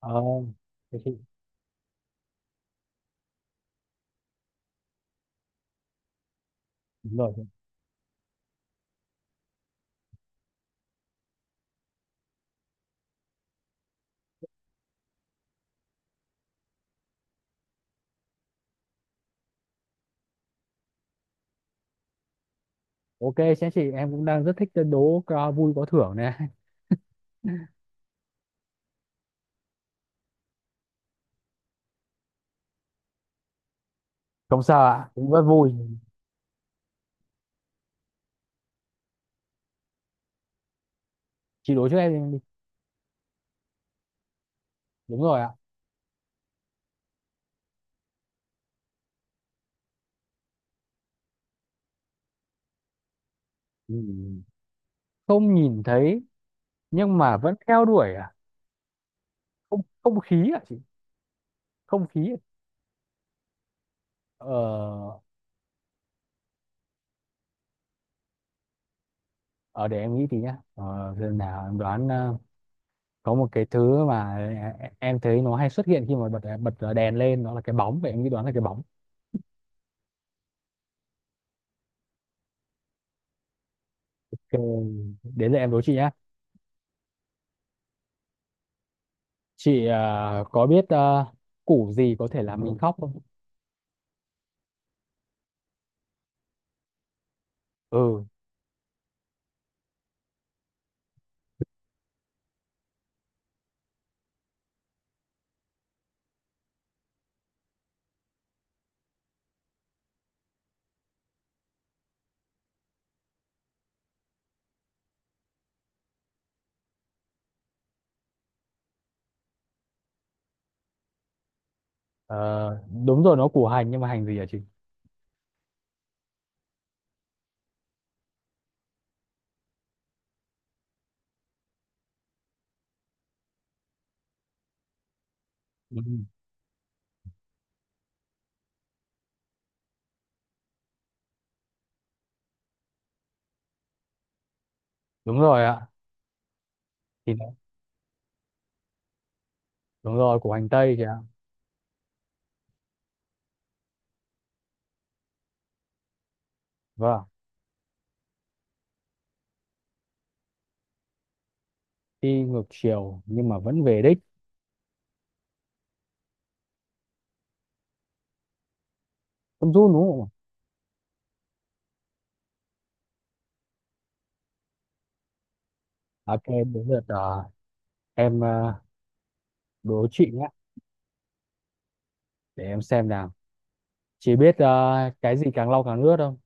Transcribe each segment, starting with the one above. Ờ, thế chị đúng rồi. Ok, sẽ chị em cũng đang rất thích đố vui có thưởng này. Không sao ạ, cũng rất vui. Chị đố trước em đi. Đúng rồi ạ. Ừ. Không nhìn thấy nhưng mà vẫn theo đuổi à? Không không khí ạ chị. Không khí. Ờ, để em nghĩ tí nhá. Ờ giờ nào em đoán ờ, có một cái thứ mà em thấy nó hay xuất hiện khi mà bật bật đèn lên, nó là cái bóng, vậy em nghĩ đoán là cái bóng. Ok, đến giờ em đố chị nhá. Chị à, có biết à, củ gì có thể làm mình khóc không? Ừ, ờ, đúng rồi nó củ hành, nhưng mà hành gì hả chị? Ừ. Đúng rồi ạ, thì nó, đúng rồi củ hành tây kìa. Vâng, đi ngược chiều nhưng mà vẫn về đích. Không run đúng không? Ạ? À, ok, đến lượt à, em à, đố chị nhé, để em xem nào. Chị biết à, cái gì càng lau càng ướt không?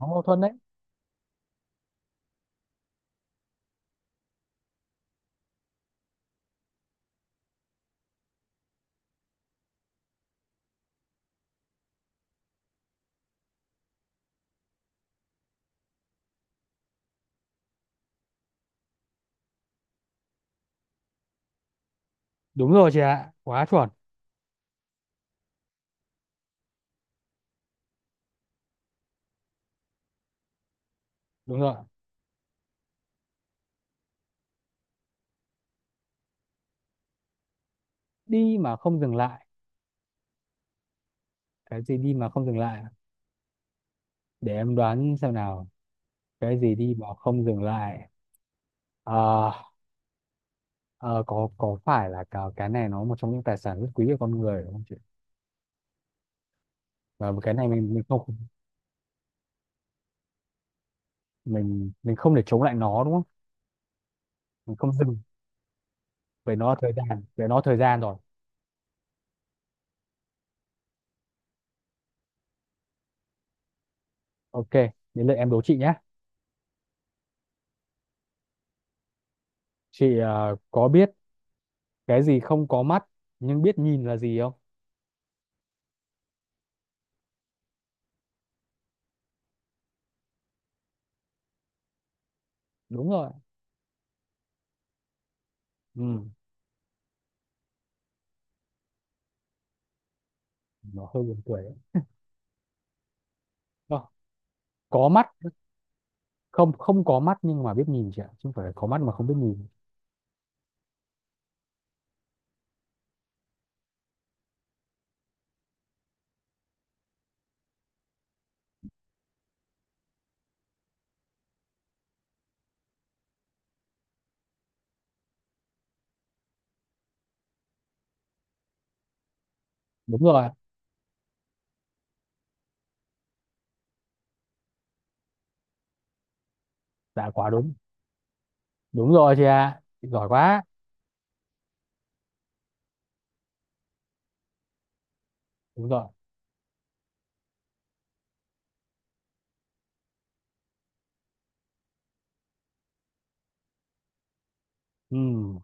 Nó mâu thuẫn đấy. Đúng rồi chị ạ, quá chuẩn. Đúng rồi. Đi mà không dừng lại. Cái gì đi mà không dừng lại? Để em đoán xem nào. Cái gì đi mà không dừng lại? Ờ, ờ, có phải là cái này nó một trong những tài sản rất quý của con người đúng không chị? Và cái này mình không, mình không thể chống lại nó đúng không? Mình không dừng, về nó là thời gian, về nó là thời gian rồi. Ok, đến lượt em đố chị nhé. Chị ờ, có biết cái gì không có mắt nhưng biết nhìn là gì không? Đúng rồi. Ừ, nó hơi buồn cười đấy. Ờ, có mắt, không không có mắt nhưng mà biết nhìn chị ạ, chứ không phải là có mắt mà không biết nhìn. Đúng rồi. Dạ quá đúng. Đúng rồi chị ạ. Chị giỏi quá. Đúng rồi. Ừ.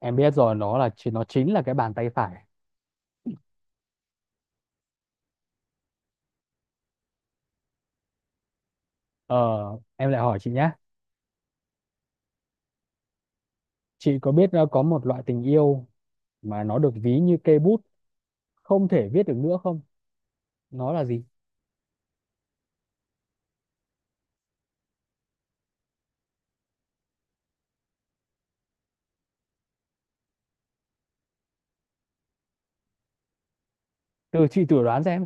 Em biết rồi, nó là nó chính là cái bàn tay phải. Ờ, em lại hỏi chị nhé, chị có biết ờ, có một loại tình yêu mà nó được ví như cây bút không thể viết được nữa không, nó là gì? Từ chị thử đoán xem.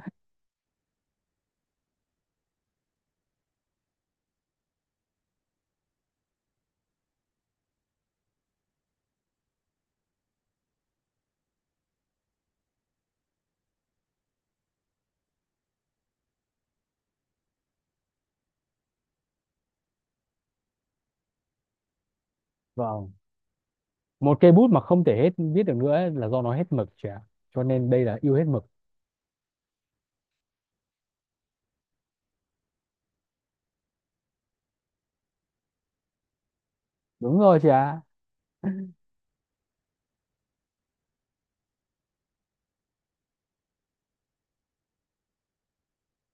Vâng, một cây bút mà không thể hết viết được nữa ấy là do nó hết mực chị ạ, cho nên đây là yêu hết mực. Đúng rồi chị ạ.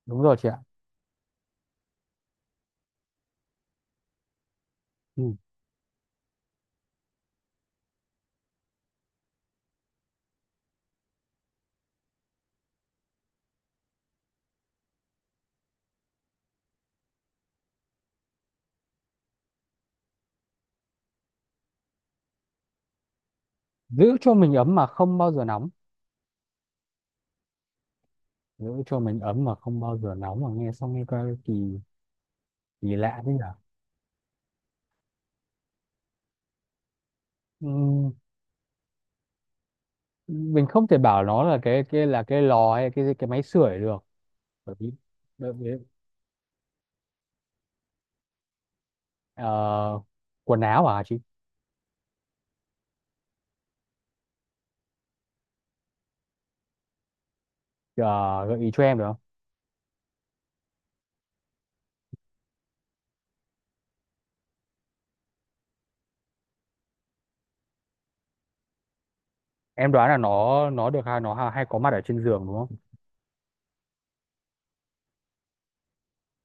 Đúng rồi chị ạ. Ừ. Giữ cho mình ấm mà không bao giờ nóng. Giữ cho mình ấm mà không bao giờ nóng, mà nghe xong nghe coi kỳ, kỳ lạ thế nhở. Ừ. Mình không thể bảo nó là cái là cái lò hay cái máy sưởi được, bởi vì, bởi vì ờ, quần áo à chị? Ờ, gợi ý cho em được không? Em đoán là nó được hay nó hay có mặt ở trên giường đúng không?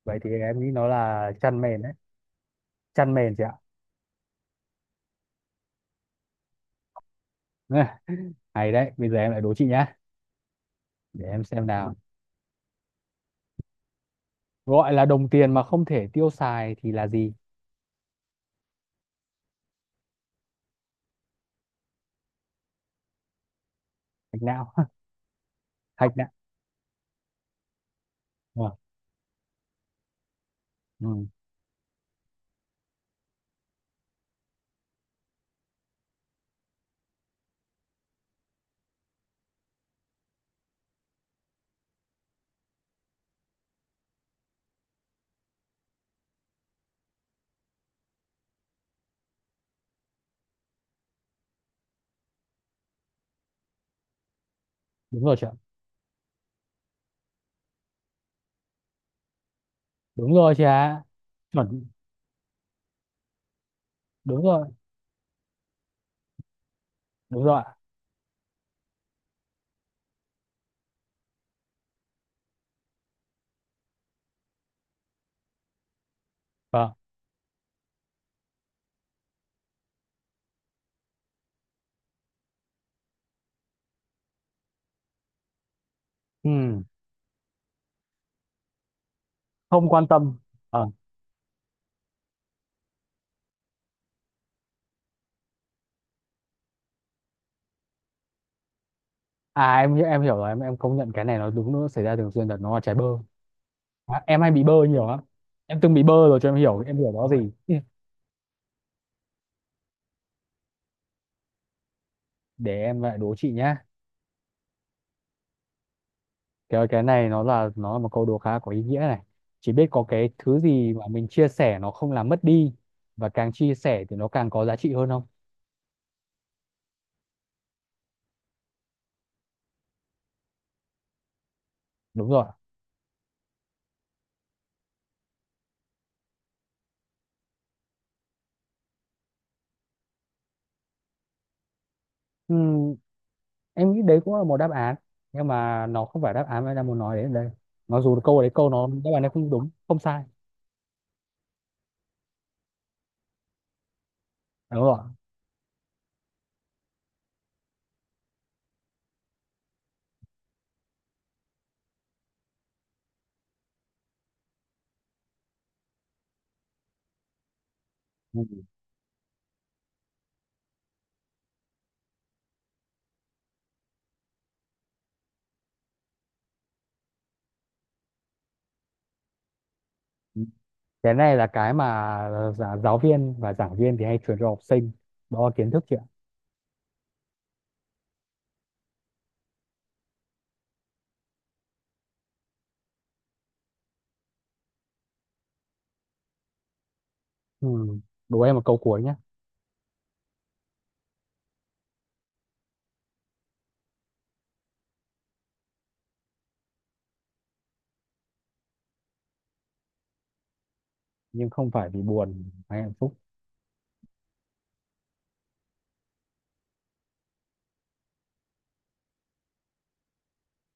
Vậy thì em nghĩ nó là chăn mền đấy. Chăn mền chị ạ. Ừ, hay đấy, bây giờ em lại đố chị nhá, để em xem nào. Gọi là đồng tiền mà không thể tiêu xài thì là gì? Hạch não. Hạch não. Ờ, ừ, đúng rồi chị ạ. Đúng rồi chị ạ. Chuẩn. Đúng rồi. Đúng rồi ạ. Vâng. Ừ, không quan tâm. Ờ. À em em hiểu rồi, em công nhận cái này nó đúng, nó xảy ra thường xuyên thật, nó là trái bơ. À, em hay bị bơ nhiều lắm. Em từng bị bơ rồi cho em hiểu, em hiểu nó gì. Ừ. Để em lại đố chị nhá. Cái này nó là, nó là một câu đố khá có ý nghĩa này. Chỉ biết có cái thứ gì mà mình chia sẻ nó không làm mất đi, và càng chia sẻ thì nó càng có giá trị hơn không? Đúng rồi. Ừm, em nghĩ đấy cũng là một đáp án, nhưng mà nó không phải đáp án mà em đang muốn nói đến đây, mặc dù câu đấy câu nó đáp án này không đúng không sai. Đúng rồi. Ừ. Cái này là cái mà giáo viên và giảng viên thì hay truyền cho học sinh, đó là kiến thức chị ạ. Ừ. Đố em một câu cuối nhé. Nhưng không phải vì buồn hay hạnh phúc.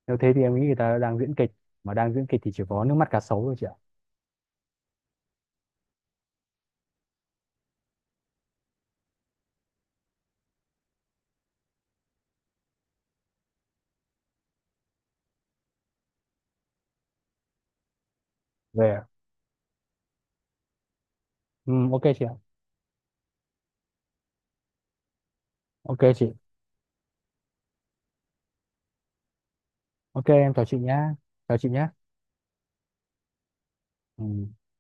Nếu thế thì em nghĩ người ta đang diễn kịch, mà đang diễn kịch thì chỉ có nước mắt cá sấu thôi chị ạ. Về ạ. Ừ, ok chị ạ. Ok chị. Ok em chào chị nhá. Chào chị nhá. Ừ.